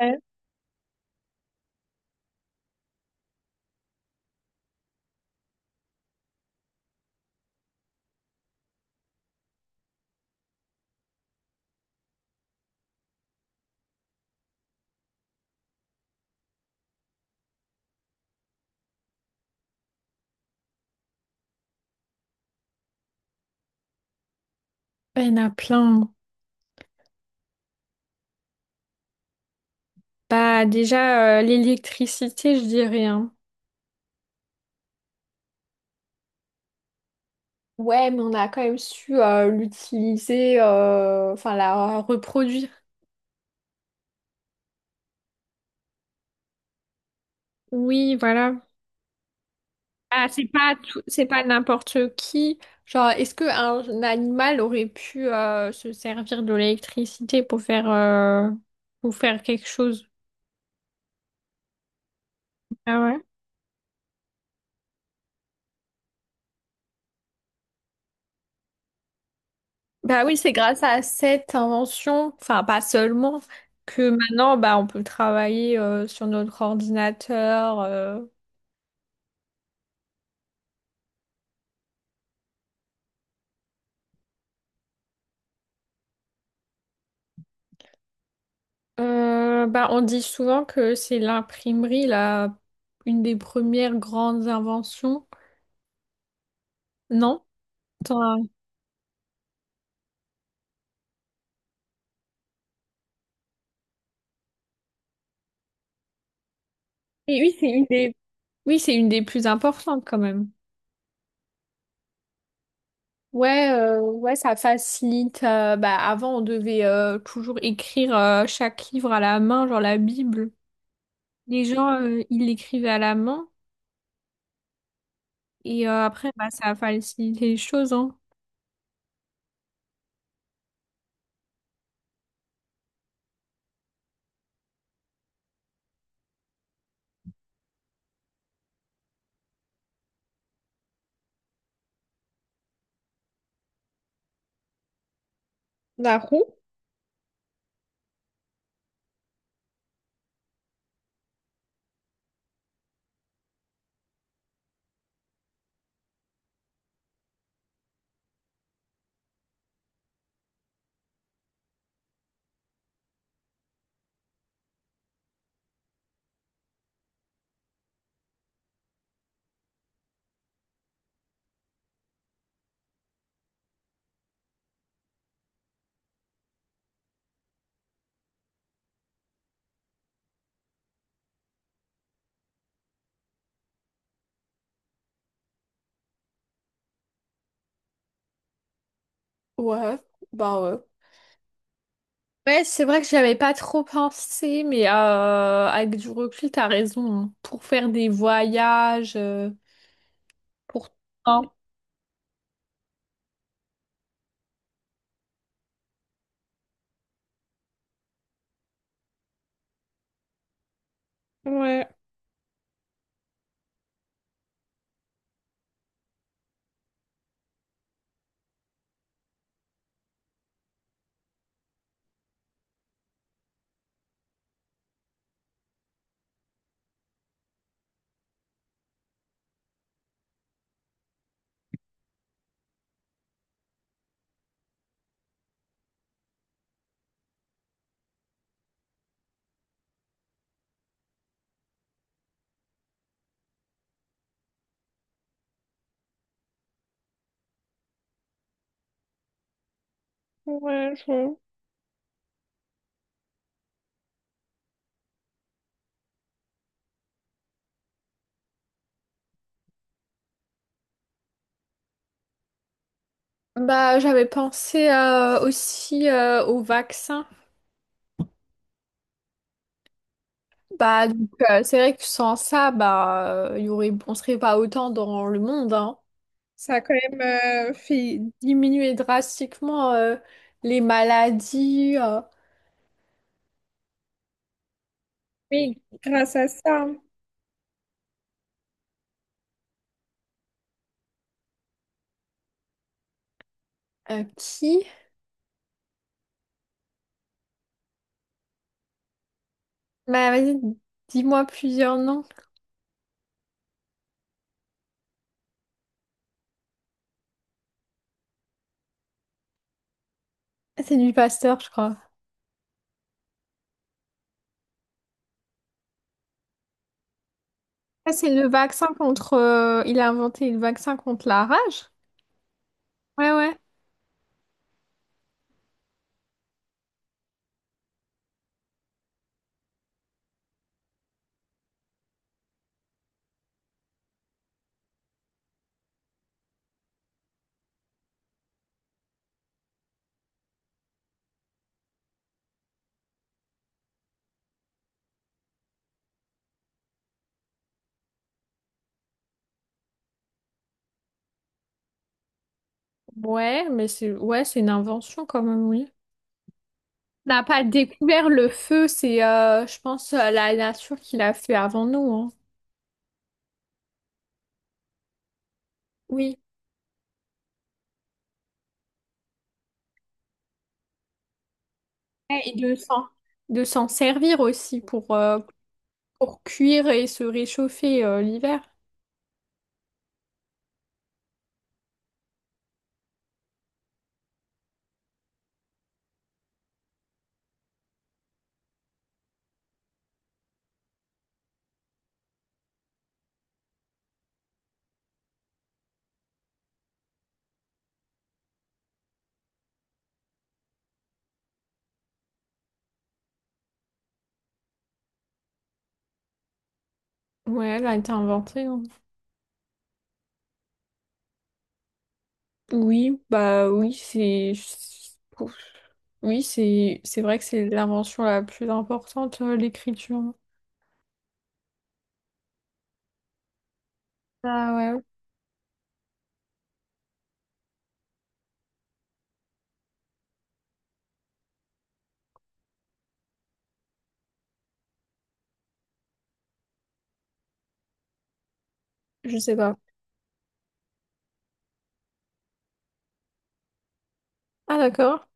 Euh, Il y en a plein. Bah déjà, l'électricité, je dirais, hein. Ouais, mais on a quand même su l'utiliser, enfin la reproduire. Oui, voilà. Ah, c'est pas tout, c'est pas n'importe qui. Genre, est-ce qu'un animal aurait pu se servir de l'électricité pour faire quelque chose. Ah ouais. Bah oui, c'est grâce à cette invention, enfin pas seulement, que maintenant bah, on peut travailler sur notre ordinateur. Bah, on dit souvent que c'est l'imprimerie, là, une des premières grandes inventions, non? T'en as- Et oui, c'est une des... Oui, c'est une des plus importantes quand même. Ouais, Ça facilite, bah, avant, on devait toujours écrire chaque livre à la main, genre la Bible. Les gens, ils l'écrivaient à la main. Et après, bah, ça a facilité les choses, hein. La roue? Ouais, bah ouais. Ouais, c'est vrai que j'avais pas trop pensé, mais avec du recul, t'as raison, hein. Pour faire des voyages, pour... Hein. Ouais, ouais, je. Bah, j'avais pensé aussi au vaccin. Bah, donc, c'est vrai que sans ça, bah, on serait pas autant dans le monde, hein. Ça a quand même fait diminuer drastiquement les maladies. Oui, grâce à ça. Qui? Bah, vas-y, dis-moi plusieurs noms. Ah, c'est du Pasteur, je crois. Ah, c'est le vaccin contre, il a inventé le vaccin contre la rage? Ouais, ouais. Ouais, mais c'est une invention quand même, oui. On n'a pas découvert le feu, je pense, la nature qui l'a fait avant nous, hein. Oui. Ouais, et de s'en servir aussi pour pour cuire et se réchauffer l'hiver. Ouais, elle a été inventée, hein. Oui, bah oui, c'est... Ouf. Oui, c'est vrai que c'est l'invention la plus importante, l'écriture. Ah ouais, je sais pas. Ah d'accord.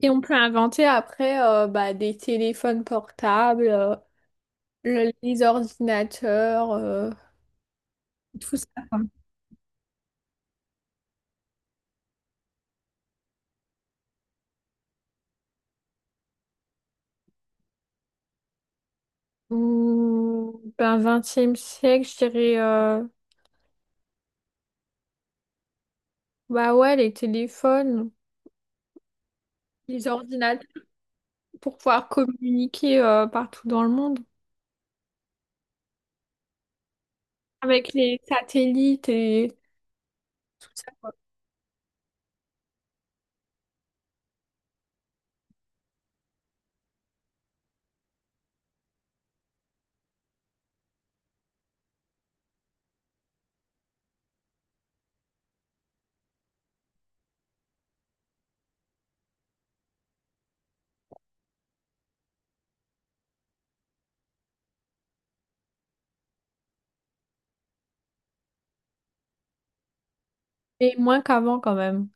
Et on peut inventer après bah, des téléphones portables, les ordinateurs, tout ça, quoi. Mmh, ben, XXe siècle, je dirais, bah ouais, les téléphones, les ordinateurs, pour pouvoir communiquer partout dans le monde avec les satellites et tout ça, quoi. Et moins qu'avant quand même.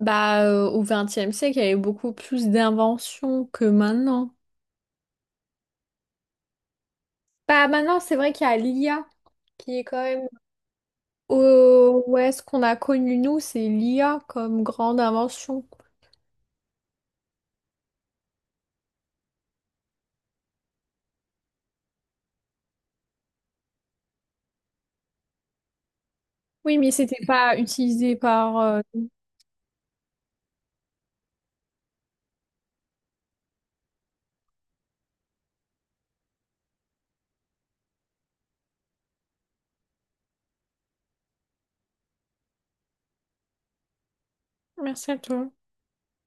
Bah, au XXe siècle, il y avait beaucoup plus d'inventions que maintenant. Bah, maintenant, c'est vrai qu'il y a l'IA qui est quand même... Au ouais, ce qu'on a connu, nous, c'est l'IA comme grande invention. Oui, mais c'était pas utilisé par... Merci à toi.